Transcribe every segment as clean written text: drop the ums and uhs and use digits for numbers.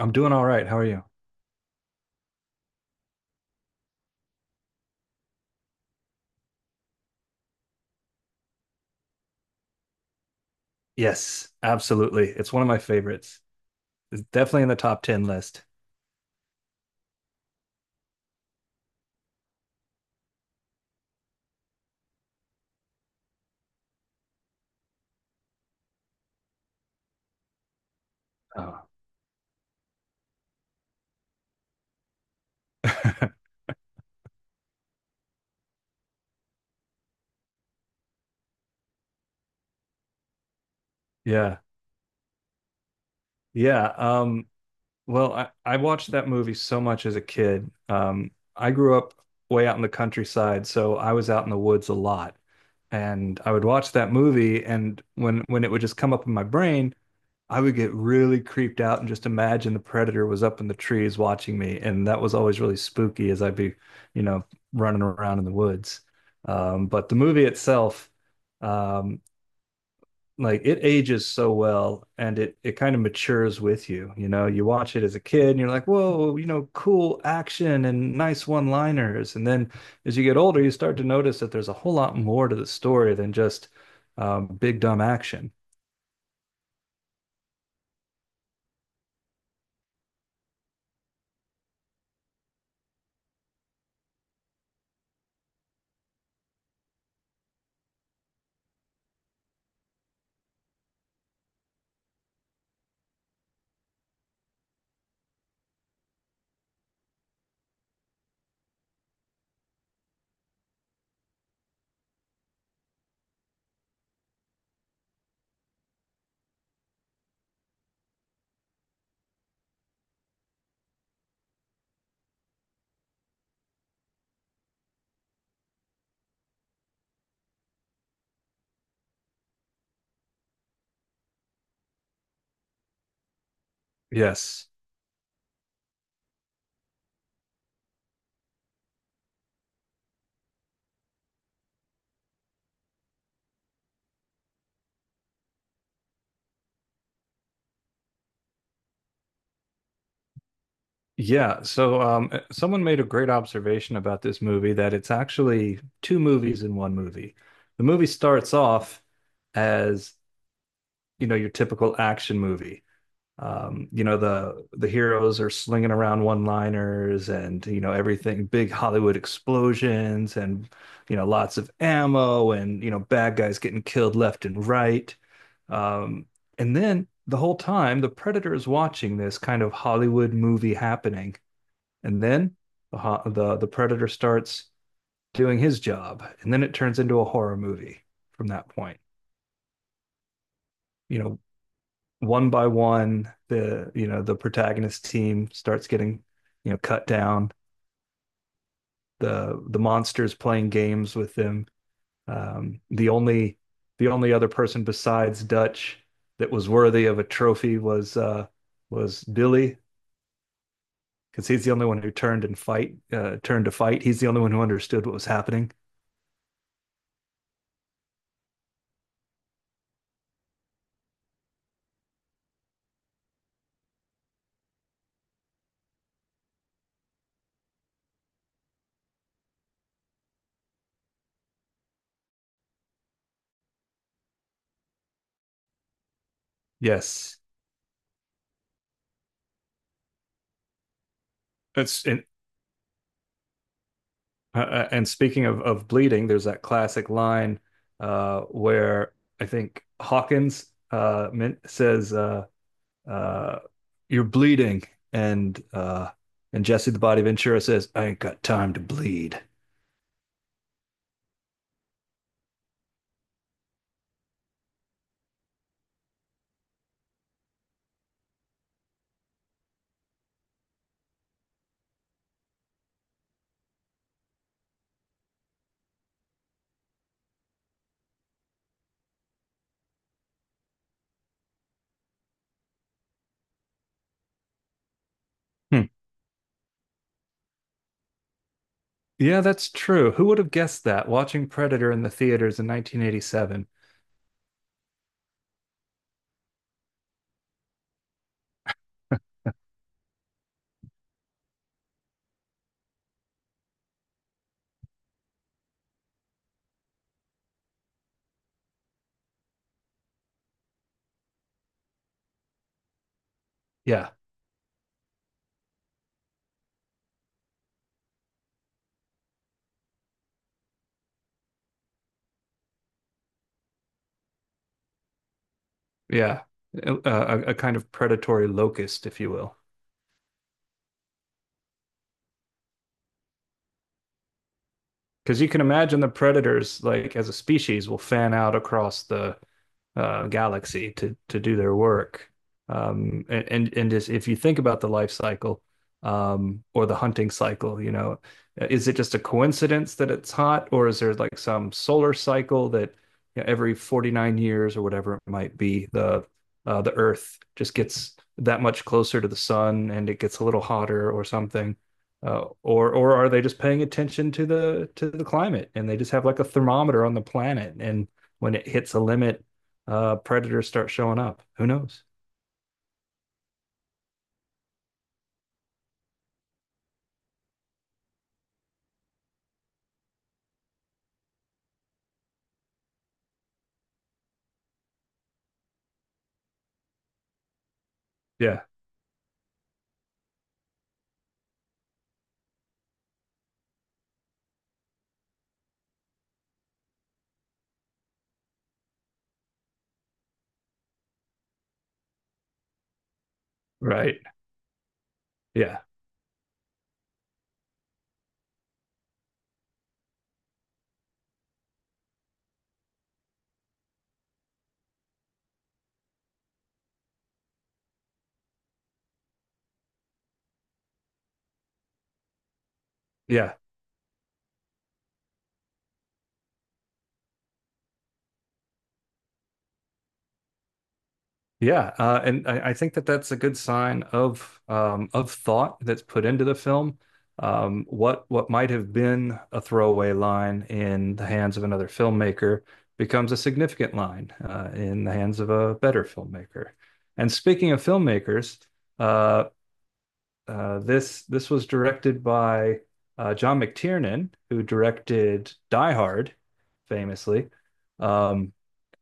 I'm doing all right. How are you? Yes, absolutely. It's one of my favorites. It's definitely in the top 10 list. Oh. Yeah. Yeah. Um, well, I watched that movie so much as a kid. I grew up way out in the countryside, so I was out in the woods a lot. And I would watch that movie, and when it would just come up in my brain, I would get really creeped out and just imagine the predator was up in the trees watching me. And that was always really spooky as I'd be, you know, running around in the woods. But the movie itself, um, like it ages so well and it kind of matures with you. You know, you watch it as a kid and you're like, whoa, you know, cool action and nice one-liners. And then as you get older, you start to notice that there's a whole lot more to the story than just big dumb action. Yes. Yeah, so someone made a great observation about this movie that it's actually two movies in one movie. The movie starts off as, you know, your typical action movie. You know, the heroes are slinging around one-liners and, you know, everything, big Hollywood explosions and, you know, lots of ammo and, you know, bad guys getting killed left and right. Um, and then the whole time, the Predator is watching this kind of Hollywood movie happening, and then the the predator starts doing his job, and then it turns into a horror movie from that point. You know, one by one, the you know the protagonist team starts getting, you know, cut down. The monster's playing games with them. The only the only other person besides Dutch that was worthy of a trophy was Billy, because he's the only one who turned and fight turned to fight. He's the only one who understood what was happening. Yes, That's and And speaking of bleeding, there's that classic line where I think Hawkins uh, says, uh, "You're bleeding," and uh, and Jesse the Body Ventura says, "I ain't got time to bleed." Hmm. Yeah, that's true. Who would have guessed that? Watching Predator in the theaters in 1987. Yeah, yeah, a kind of predatory locust, if you will, because you can imagine the predators, like as a species, will fan out across the galaxy to do their work. And just if you think about the life cycle, or the hunting cycle, you know, is it just a coincidence that it's hot, or is there like some solar cycle that, you know, every 49 years or whatever it might be, the Earth just gets that much closer to the sun and it gets a little hotter or something? Or are they just paying attention to the climate and they just have like a thermometer on the planet and when it hits a limit, predators start showing up. Who knows? Yeah, right. Yeah, yeah, yeah. And I think that that's a good sign of thought that's put into the film. What might have been a throwaway line in the hands of another filmmaker becomes a significant line in the hands of a better filmmaker. And speaking of filmmakers, uh, this was directed by John McTiernan, who directed Die Hard, famously. Um,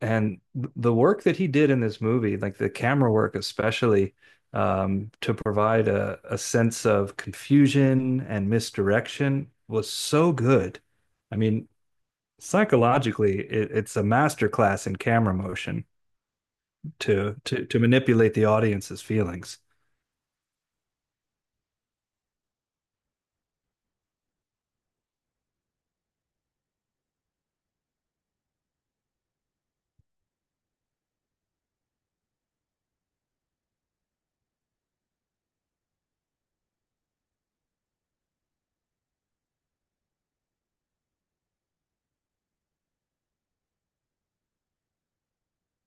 and the work that he did in this movie, like the camera work especially, to provide a sense of confusion and misdirection was so good. I mean, psychologically, it's a masterclass in camera motion to to manipulate the audience's feelings.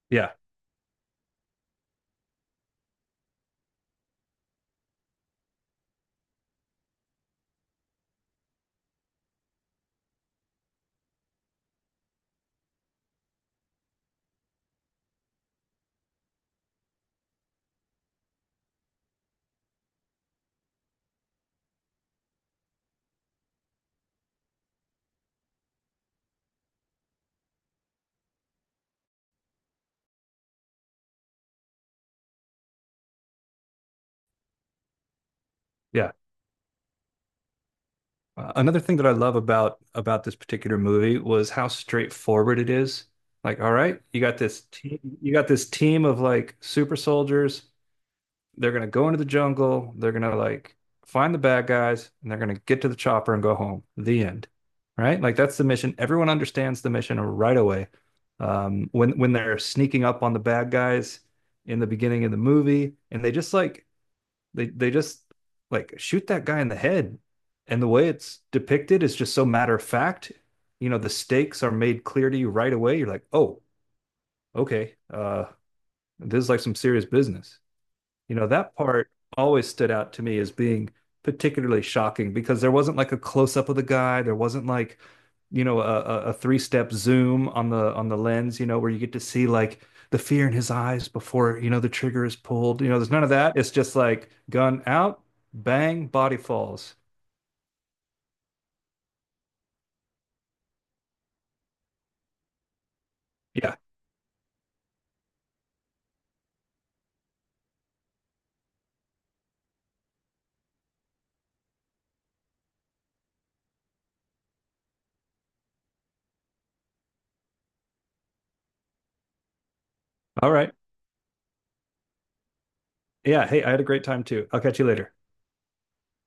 Yeah, yeah. Another thing that I love about this particular movie was how straightforward it is. Like, all right, you got this team, you got this team of like super soldiers. They're gonna go into the jungle. They're gonna like find the bad guys, and they're gonna get to the chopper and go home. The end. Right? Like that's the mission. Everyone understands the mission right away. When they're sneaking up on the bad guys in the beginning of the movie, and they just like they just like shoot that guy in the head. And the way it's depicted is just so matter of fact. You know, the stakes are made clear to you right away. You're like, oh, okay, this is like some serious business. You know, that part always stood out to me as being particularly shocking because there wasn't like a close up of the guy. There wasn't like, you know, a three step zoom on the lens, you know, where you get to see like the fear in his eyes before, you know, the trigger is pulled. You know, there's none of that. It's just like gun out, bang, body falls. Yeah. All right. Yeah. Hey, I had a great time too. I'll catch you later.